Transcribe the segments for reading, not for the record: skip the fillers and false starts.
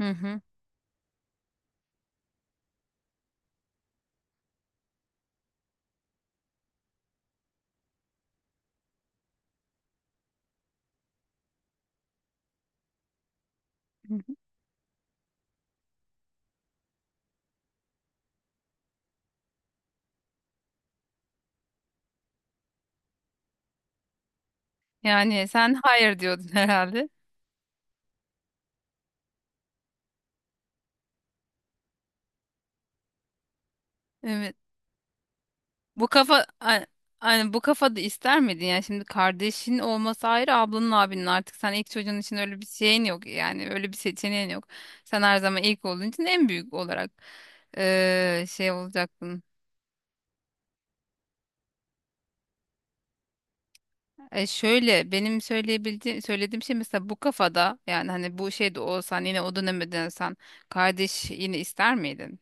Hı hı. Hı hı. Yani sen hayır diyordun herhalde. Evet. Bu kafa a- Hani bu kafada ister miydin? Yani şimdi kardeşin olması ayrı, ablanın abinin artık sen ilk çocuğun için öyle bir şeyin yok. Yani öyle bir seçeneğin yok. Sen her zaman ilk olduğun için en büyük olarak şey olacaktın. E şöyle benim söylediğim şey mesela bu kafada yani hani bu şey de olsan yine o döneme dönsen kardeş yine ister miydin?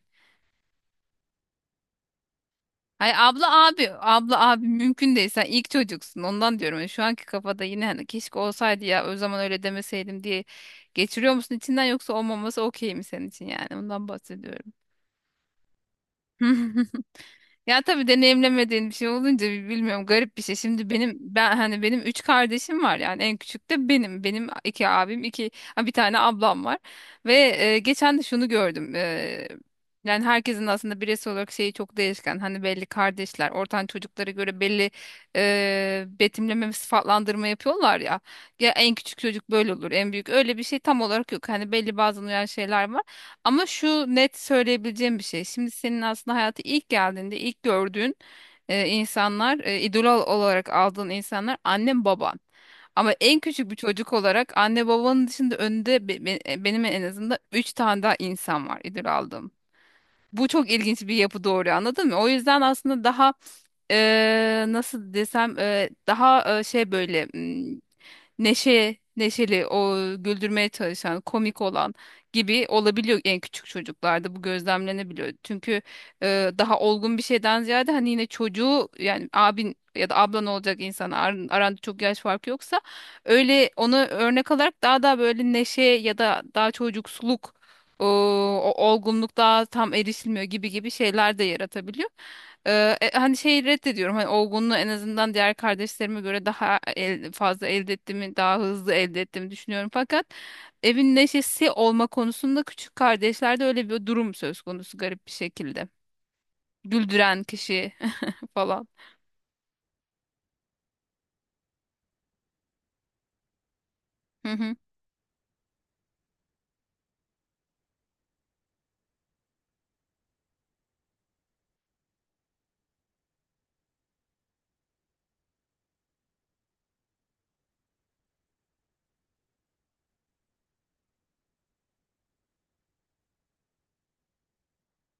Hayır abla abi abla abi mümkün değil, sen ilk çocuksun ondan diyorum. Yani şu anki kafada yine hani keşke olsaydı ya o zaman öyle demeseydim diye geçiriyor musun içinden, yoksa olmaması okey mi senin için, yani ondan bahsediyorum. Ya tabii deneyimlemediğin bir şey olunca bilmiyorum, garip bir şey. Şimdi benim ben hani benim üç kardeşim var, yani en küçük de benim. Benim iki abim, iki bir tane ablam var. Ve geçen de şunu gördüm. Yani herkesin aslında bireysel olarak şeyi çok değişken. Hani belli kardeşler ortanca çocuklara göre belli betimleme ve sıfatlandırma yapıyorlar ya. Ya en küçük çocuk böyle olur, en büyük öyle, bir şey tam olarak yok. Hani belli bazı uyan şeyler var. Ama şu net söyleyebileceğim bir şey: şimdi senin aslında hayata ilk geldiğinde ilk gördüğün insanlar, idol olarak aldığın insanlar annen baban. Ama en küçük bir çocuk olarak anne babanın dışında önünde benim en azından 3 tane daha insan var idol aldığım. Bu çok ilginç bir yapı, doğru, anladın mı? O yüzden aslında daha nasıl desem daha şey böyle neşe, neşeli, o güldürmeye çalışan, komik olan gibi olabiliyor, en küçük çocuklarda bu gözlemlenebiliyor. Çünkü daha olgun bir şeyden ziyade hani yine çocuğu yani abin ya da ablan olacak insan aranda çok yaş farkı yoksa öyle onu örnek alarak daha da böyle neşe ya da daha çocuksuluk o, o olgunluk daha tam erişilmiyor gibi gibi şeyler de yaratabiliyor. Hani şeyi reddediyorum. Hani olgunluğu en azından diğer kardeşlerime göre fazla elde ettiğimi, daha hızlı elde ettiğimi düşünüyorum. Fakat evin neşesi olma konusunda küçük kardeşlerde öyle bir durum söz konusu garip bir şekilde. Güldüren kişi falan. Hı hı.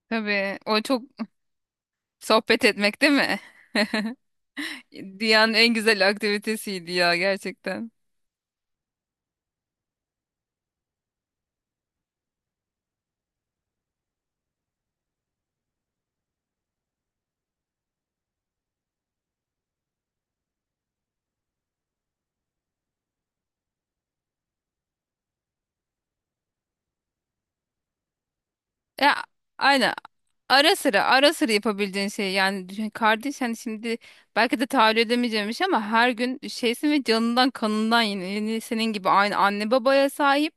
Tabii o çok sohbet etmek değil mi? Dünyanın en güzel aktivitesiydi ya, gerçekten. Ya aynen. Ara sıra yapabildiğin şey yani kardeş hani şimdi belki de tahayyül edemeyeceğimmiş ama her gün şeysin ve canından kanından yine senin gibi aynı anne babaya sahip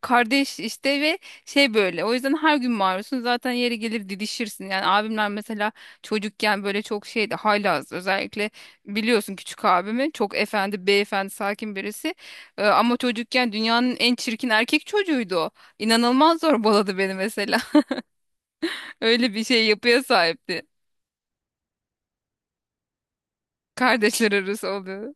kardeş işte ve şey böyle, o yüzden her gün maruzsun, zaten yeri gelir didişirsin yani. Abimler mesela çocukken böyle çok şeydi, haylaz özellikle. Biliyorsun küçük abimi, çok efendi beyefendi sakin birisi. Ama çocukken dünyanın en çirkin erkek çocuğuydu o, inanılmaz zorbaladı beni mesela. Öyle bir şey yapıya sahipti. Kardeşler arası oluyor.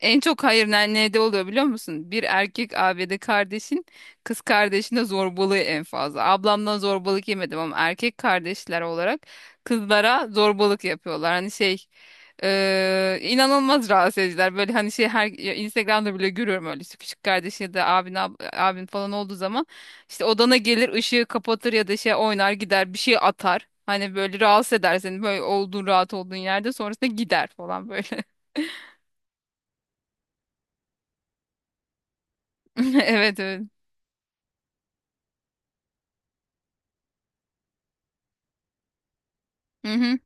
En çok hayır nerede oluyor biliyor musun? Bir erkek abide kardeşin kız kardeşine zorbalığı en fazla. Ablamdan zorbalık yemedim ama erkek kardeşler olarak kızlara zorbalık yapıyorlar. Hani şey inanılmaz rahatsız ediciler. Böyle hani şey her ya Instagram'da bile görüyorum öyle, işte küçük kardeşi ya da abin abin falan olduğu zaman işte odana gelir ışığı kapatır ya da şey oynar gider, bir şey atar. Hani böyle rahatsız eder seni, böyle olduğun rahat olduğun yerde, sonrasında gider falan böyle. Evet, evet. Hı hı.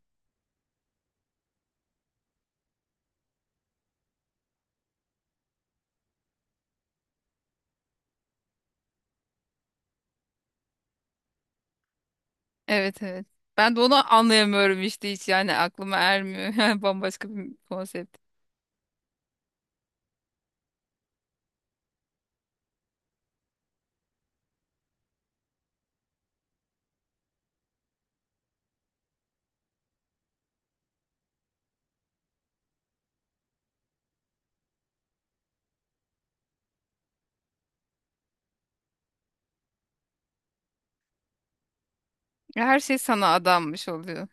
Evet, evet. Ben de onu anlayamıyorum işte, hiç yani aklıma ermiyor. Yani bambaşka bir konsept. Her şey sana adanmış oluyor.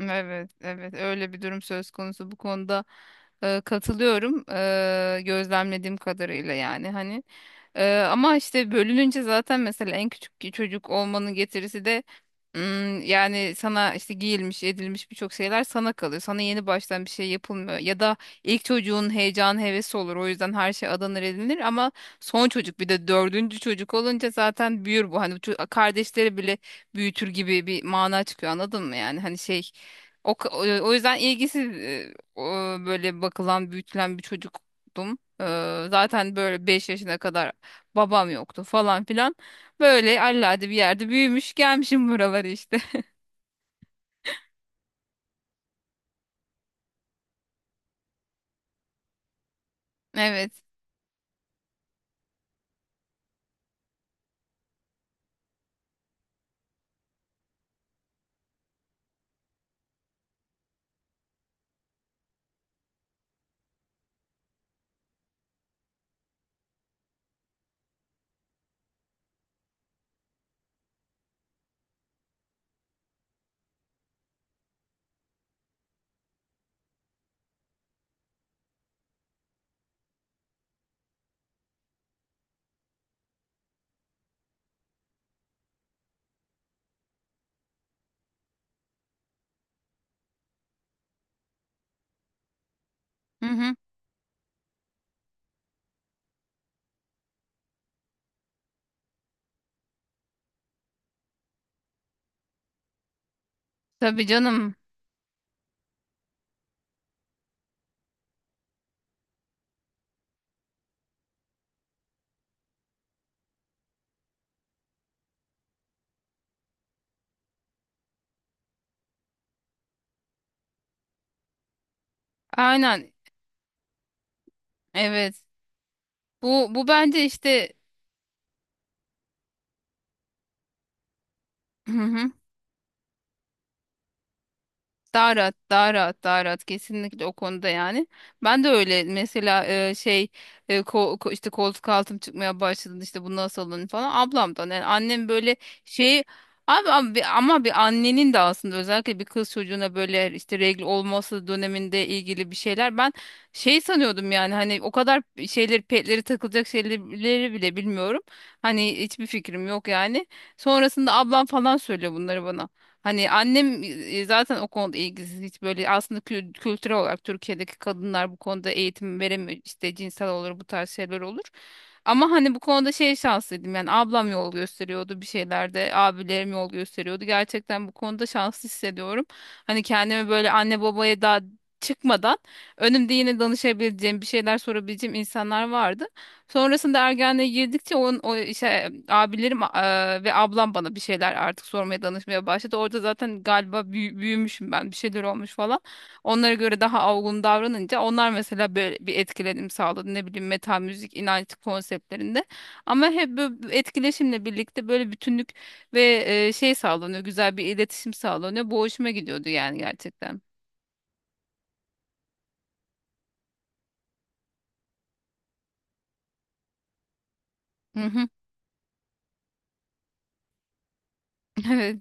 Evet evet, öyle bir durum söz konusu, bu konuda katılıyorum. Gözlemlediğim kadarıyla yani, hani. Ama işte bölününce zaten, mesela en küçük çocuk olmanın getirisi de yani sana işte giyilmiş edilmiş birçok şeyler sana kalıyor. Sana yeni baştan bir şey yapılmıyor. Ya da ilk çocuğun heyecanı hevesi olur. O yüzden her şey adanır edilir ama son çocuk, bir de dördüncü çocuk olunca zaten büyür bu. Hani kardeşleri bile büyütür gibi bir mana çıkıyor, anladın mı yani? Hani şey o, o yüzden ilgisiz o, böyle bakılan büyütülen bir çocuktum. Zaten böyle 5 yaşına kadar babam yoktu falan filan. Böyle allade bir yerde büyümüş gelmişim buralara işte. Evet. Hı hı. Tabii canım. Aynen. Evet. Bu bence işte. Hı hı. Daha rahat kesinlikle o konuda yani. Ben de öyle mesela şey işte koltuk altım çıkmaya başladı, işte bu nasıl alınır falan ablamdan, yani annem böyle şey. Abi, ama bir annenin de aslında özellikle bir kız çocuğuna böyle işte regl olması döneminde ilgili bir şeyler, ben şey sanıyordum yani, hani o kadar şeyleri, petleri takılacak şeyleri bile bilmiyorum. Hani hiçbir fikrim yok yani. Sonrasında ablam falan söylüyor bunları bana. Hani annem zaten o konuda ilgisiz, hiç böyle, aslında kültürel olarak Türkiye'deki kadınlar bu konuda eğitim veremiyor, işte cinsel olur bu tarz şeyler olur. Ama hani bu konuda şey şanslıydım, yani ablam yol gösteriyordu bir şeylerde, abilerim yol gösteriyordu, gerçekten bu konuda şanslı hissediyorum. Hani kendimi böyle anne babaya daha çıkmadan önümde yine danışabileceğim, bir şeyler sorabileceğim insanlar vardı. Sonrasında ergenliğe girdikçe onun o işte abilerim ve ablam bana bir şeyler artık sormaya danışmaya başladı. Orada zaten galiba büyümüşüm ben, bir şeyler olmuş falan. Onlara göre daha olgun davranınca onlar mesela böyle bir etkilenim sağladı. Ne bileyim metal müzik, inanç konseptlerinde. Ama hep böyle bir etkileşimle birlikte böyle bütünlük ve şey sağlanıyor. Güzel bir iletişim sağlanıyor. Bu hoşuma gidiyordu yani, gerçekten. Hı hı. Evet.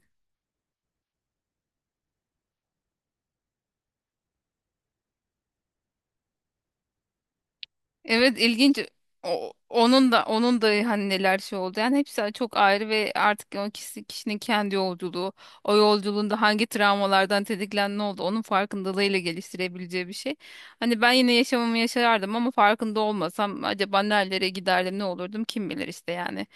Evet, ilginç. Onun da hani neler şey oldu. Yani hepsi çok ayrı ve artık o kişi, kişinin kendi yolculuğu, o yolculuğunda hangi travmalardan tetiklen ne oldu, onun farkındalığıyla geliştirebileceği bir şey. Hani ben yine yaşamımı yaşardım ama farkında olmasam acaba nerelere giderdim, ne olurdum, kim bilir işte yani.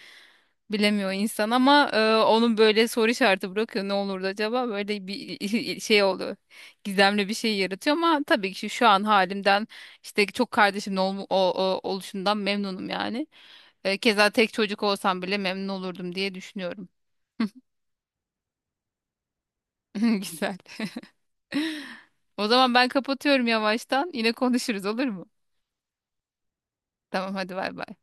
Bilemiyor insan, ama onun böyle soru işareti bırakıyor. Ne olurdu acaba? Böyle bir şey oluyor. Gizemli bir şey yaratıyor, ama tabii ki şu an halimden işte çok kardeşimin oluşundan memnunum yani. Keza tek çocuk olsam bile memnun olurdum diye düşünüyorum. Güzel. O zaman ben kapatıyorum yavaştan. Yine konuşuruz, olur mu? Tamam, hadi bay bay.